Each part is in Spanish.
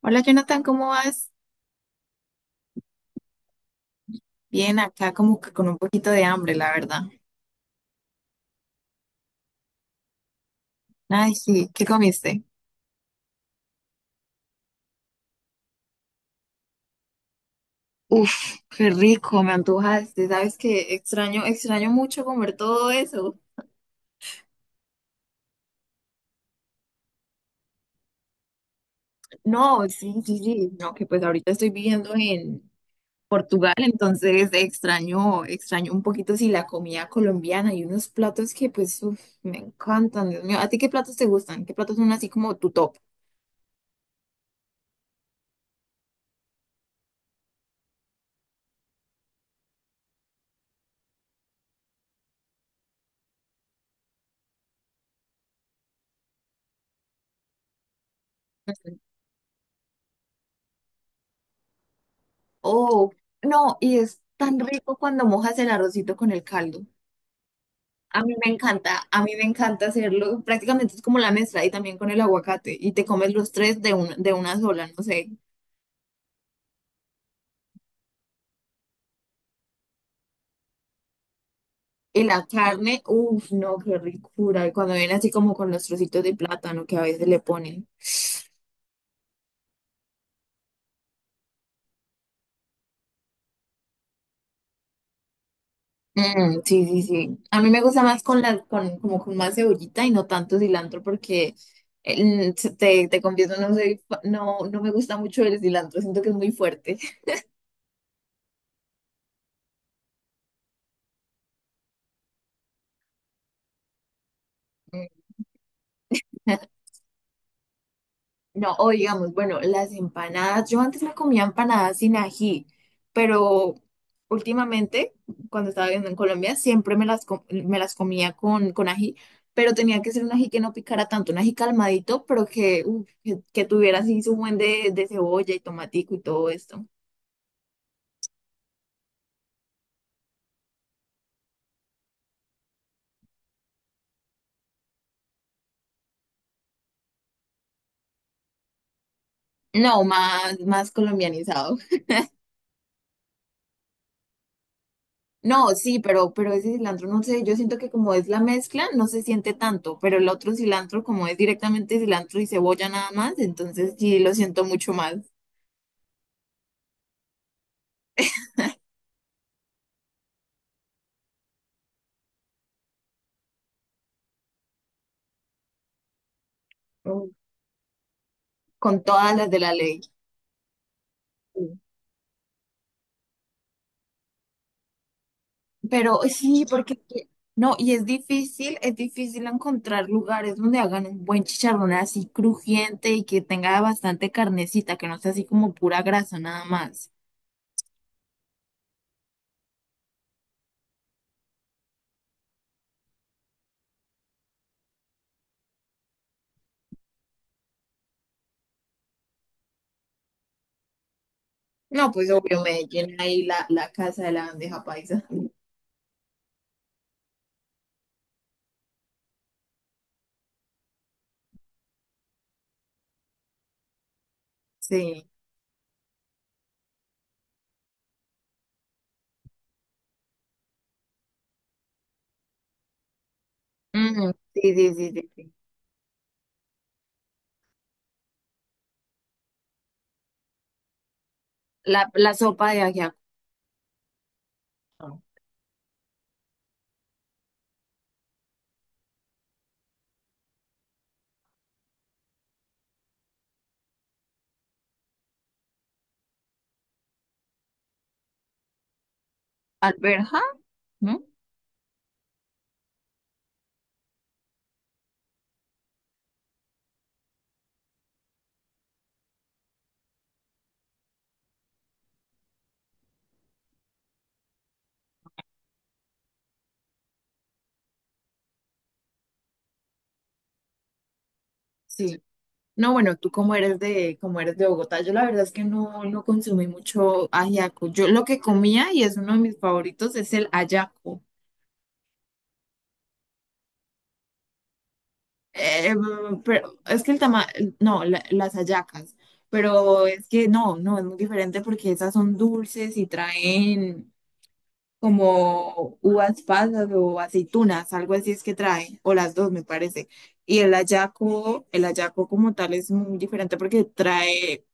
Hola Jonathan, ¿cómo vas? Bien, acá como que con un poquito de hambre, la verdad. Ay, sí, ¿qué comiste? Uf, qué rico, me antojaste. ¿Sabes que Extraño mucho comer todo eso? No, sí, sí, sí. No, que pues ahorita estoy viviendo en Portugal, entonces extraño un poquito sí la comida colombiana y unos platos que pues uf, me encantan, Dios mío. ¿A ti qué platos te gustan? ¿Qué platos son así como tu top? Ujú. Oh, no, y es tan rico cuando mojas el arrocito con el caldo. A mí me encanta, a mí me encanta hacerlo. Prácticamente es como la mezcla y también con el aguacate. Y te comes los tres de, de una sola, no sé. Y la carne, uff, no, qué ricura. Y cuando viene así como con los trocitos de plátano que a veces le ponen. Mm, sí, sí, sí. A mí me gusta más con como con más cebollita y no tanto cilantro porque eh, te confieso, no soy, no, no me gusta mucho el cilantro. Siento que es muy fuerte. Mm. No, o digamos, bueno, las empanadas, yo antes me comía empanadas sin ají, pero últimamente, cuando estaba viviendo en Colombia, siempre me las comía con ají, pero tenía que ser un ají que no picara tanto, un ají calmadito, pero que, uf, que tuviera así su buen de cebolla y tomatico y todo esto. No, más, más colombianizado. No, sí, pero ese cilantro, no sé, yo siento que como es la mezcla, no se siente tanto, pero el otro cilantro, como es directamente cilantro y cebolla nada más, entonces sí lo siento mucho más. Mm, con todas las de la ley. Sí. Pero sí, porque no, y es difícil encontrar lugares donde hagan un buen chicharrón así crujiente y que tenga bastante carnecita, que no sea así como pura grasa nada más. No, pues obvio me llena ahí la casa de la bandeja paisa. Sí. Mm, sí, sí, sí, sí, sí. La sopa de ajiaco. Alberja, ¿no? Sí. No, bueno, tú como eres de Bogotá, yo la verdad es que no, no consumí mucho ajiaco. Yo lo que comía, y es uno de mis favoritos, es el ayaco. Eh, pero es que no, las hallacas. Pero es que no, no, es muy diferente porque esas son dulces y traen, como uvas pasas o aceitunas, algo así es que trae, o las dos me parece. Y el hallaco como tal es muy diferente porque trae,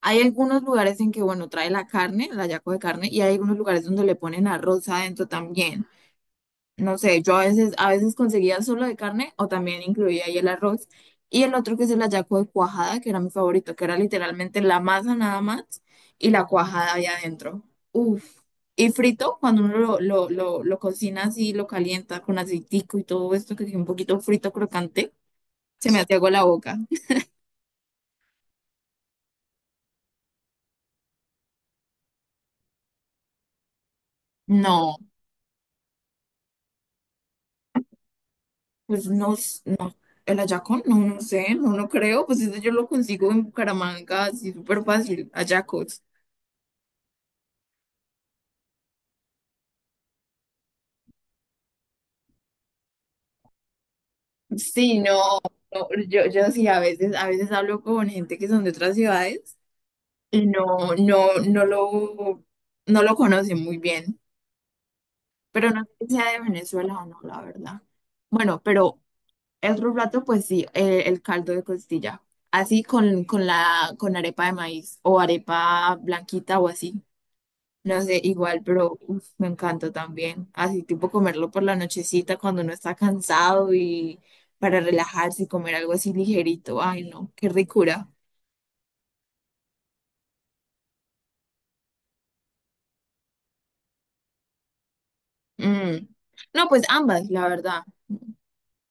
hay algunos lugares en que, bueno, trae la carne, el hallaco de carne, y hay algunos lugares donde le ponen arroz adentro también. No sé, yo a veces conseguía solo de carne o también incluía ahí el arroz. Y el otro que es el hallaco de cuajada, que era mi favorito, que era literalmente la masa nada más y la cuajada ahí adentro. Uf. Y frito, cuando uno lo cocina así, lo calienta con aceitico y todo esto, que es un poquito frito crocante, se me hace agua la boca. No, pues no, no, el hallaco no, no sé, no, no creo, pues eso yo lo consigo en Bucaramanga, así súper fácil, hallacos. Sí, no, no, yo sí, a veces hablo con gente que son de otras ciudades y no, no, no lo conocen muy bien, pero no sé si sea de Venezuela o no, la verdad. Bueno, pero el otro plato, pues sí, el, caldo de costilla, así con con arepa de maíz o arepa blanquita o así. No sé, igual, pero uf, me encanta también. Así tipo comerlo por la nochecita cuando uno está cansado y para relajarse y comer algo así ligerito. Ay, no, qué ricura. Mm. No, pues ambas, la verdad.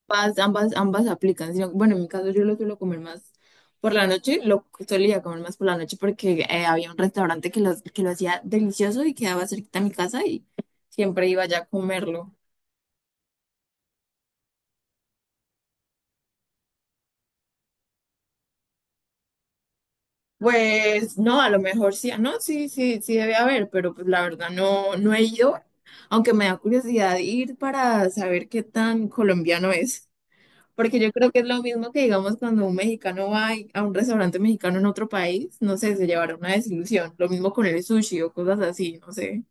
Ambas, ambas, ambas aplican. Bueno, en mi caso yo lo suelo comer más por la noche. Lo solía comer más por la noche porque había un restaurante que lo hacía delicioso y quedaba cerquita a mi casa y siempre iba ya a comerlo. Pues no, a lo mejor sí, ah, no, sí, sí, sí debe haber, pero pues la verdad no, no he ido, aunque me da curiosidad ir para saber qué tan colombiano es, porque yo creo que es lo mismo que digamos cuando un mexicano a un restaurante mexicano en otro país, no sé, se llevará una desilusión, lo mismo con el sushi o cosas así, no sé,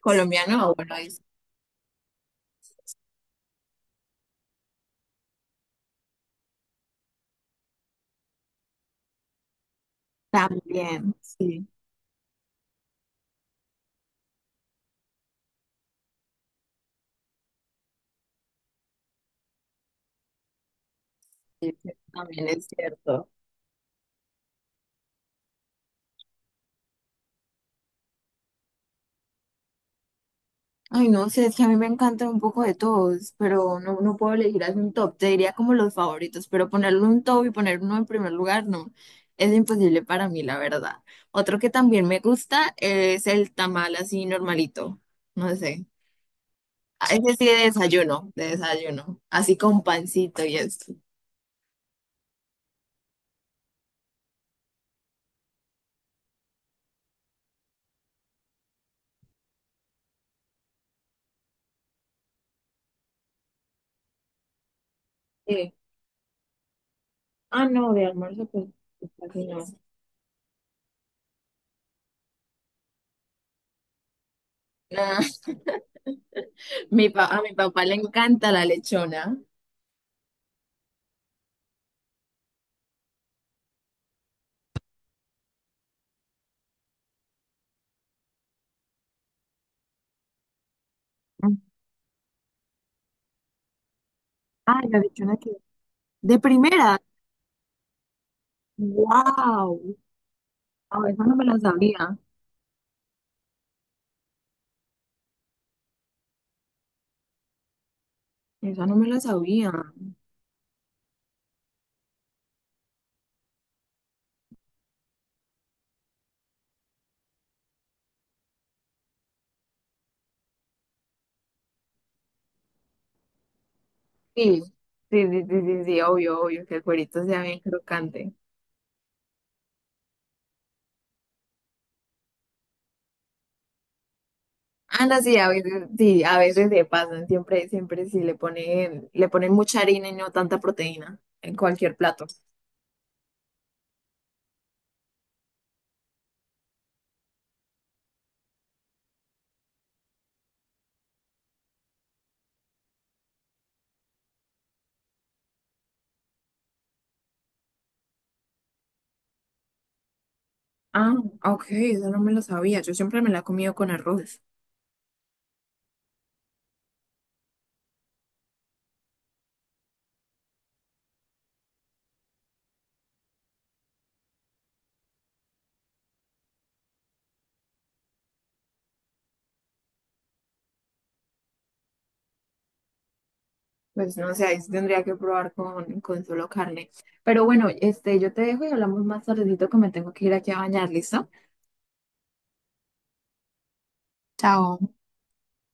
colombiano, ah, bueno, ahí sí, también, sí, sí, sí, también es cierto. Ay, no sé, es que a mí me encanta un poco de todos, pero no, no puedo elegir así un top. Te diría como los favoritos, pero ponerle un top y poner uno en primer lugar, no. Es imposible para mí, la verdad. Otro que también me gusta es el tamal así normalito. No sé. Ah, ese sí de desayuno, de desayuno. Así con pancito y esto. Sí. Ah, no, de almuerzo, pues casi no. Ah, a mi papá le encanta la lechona. Ah, la lechona que... De primera. ¡Wow! Ah, esa no me la sabía, esa no me la sabía. Sí, sí, sí, sí, sí, sí, obvio, obvio, que el cuerito sea bien crocante. Ah, no, sí, a veces se pasan, siempre, siempre sí le ponen mucha harina y no tanta proteína en cualquier plato. Ah, ok, esa no me la sabía, yo siempre me la he comido con arroz. Pues no sé, ahí sí tendría que probar con solo carne. Pero bueno, este, yo te dejo y hablamos más tardecito que me tengo que ir aquí a bañar, ¿listo? Chao.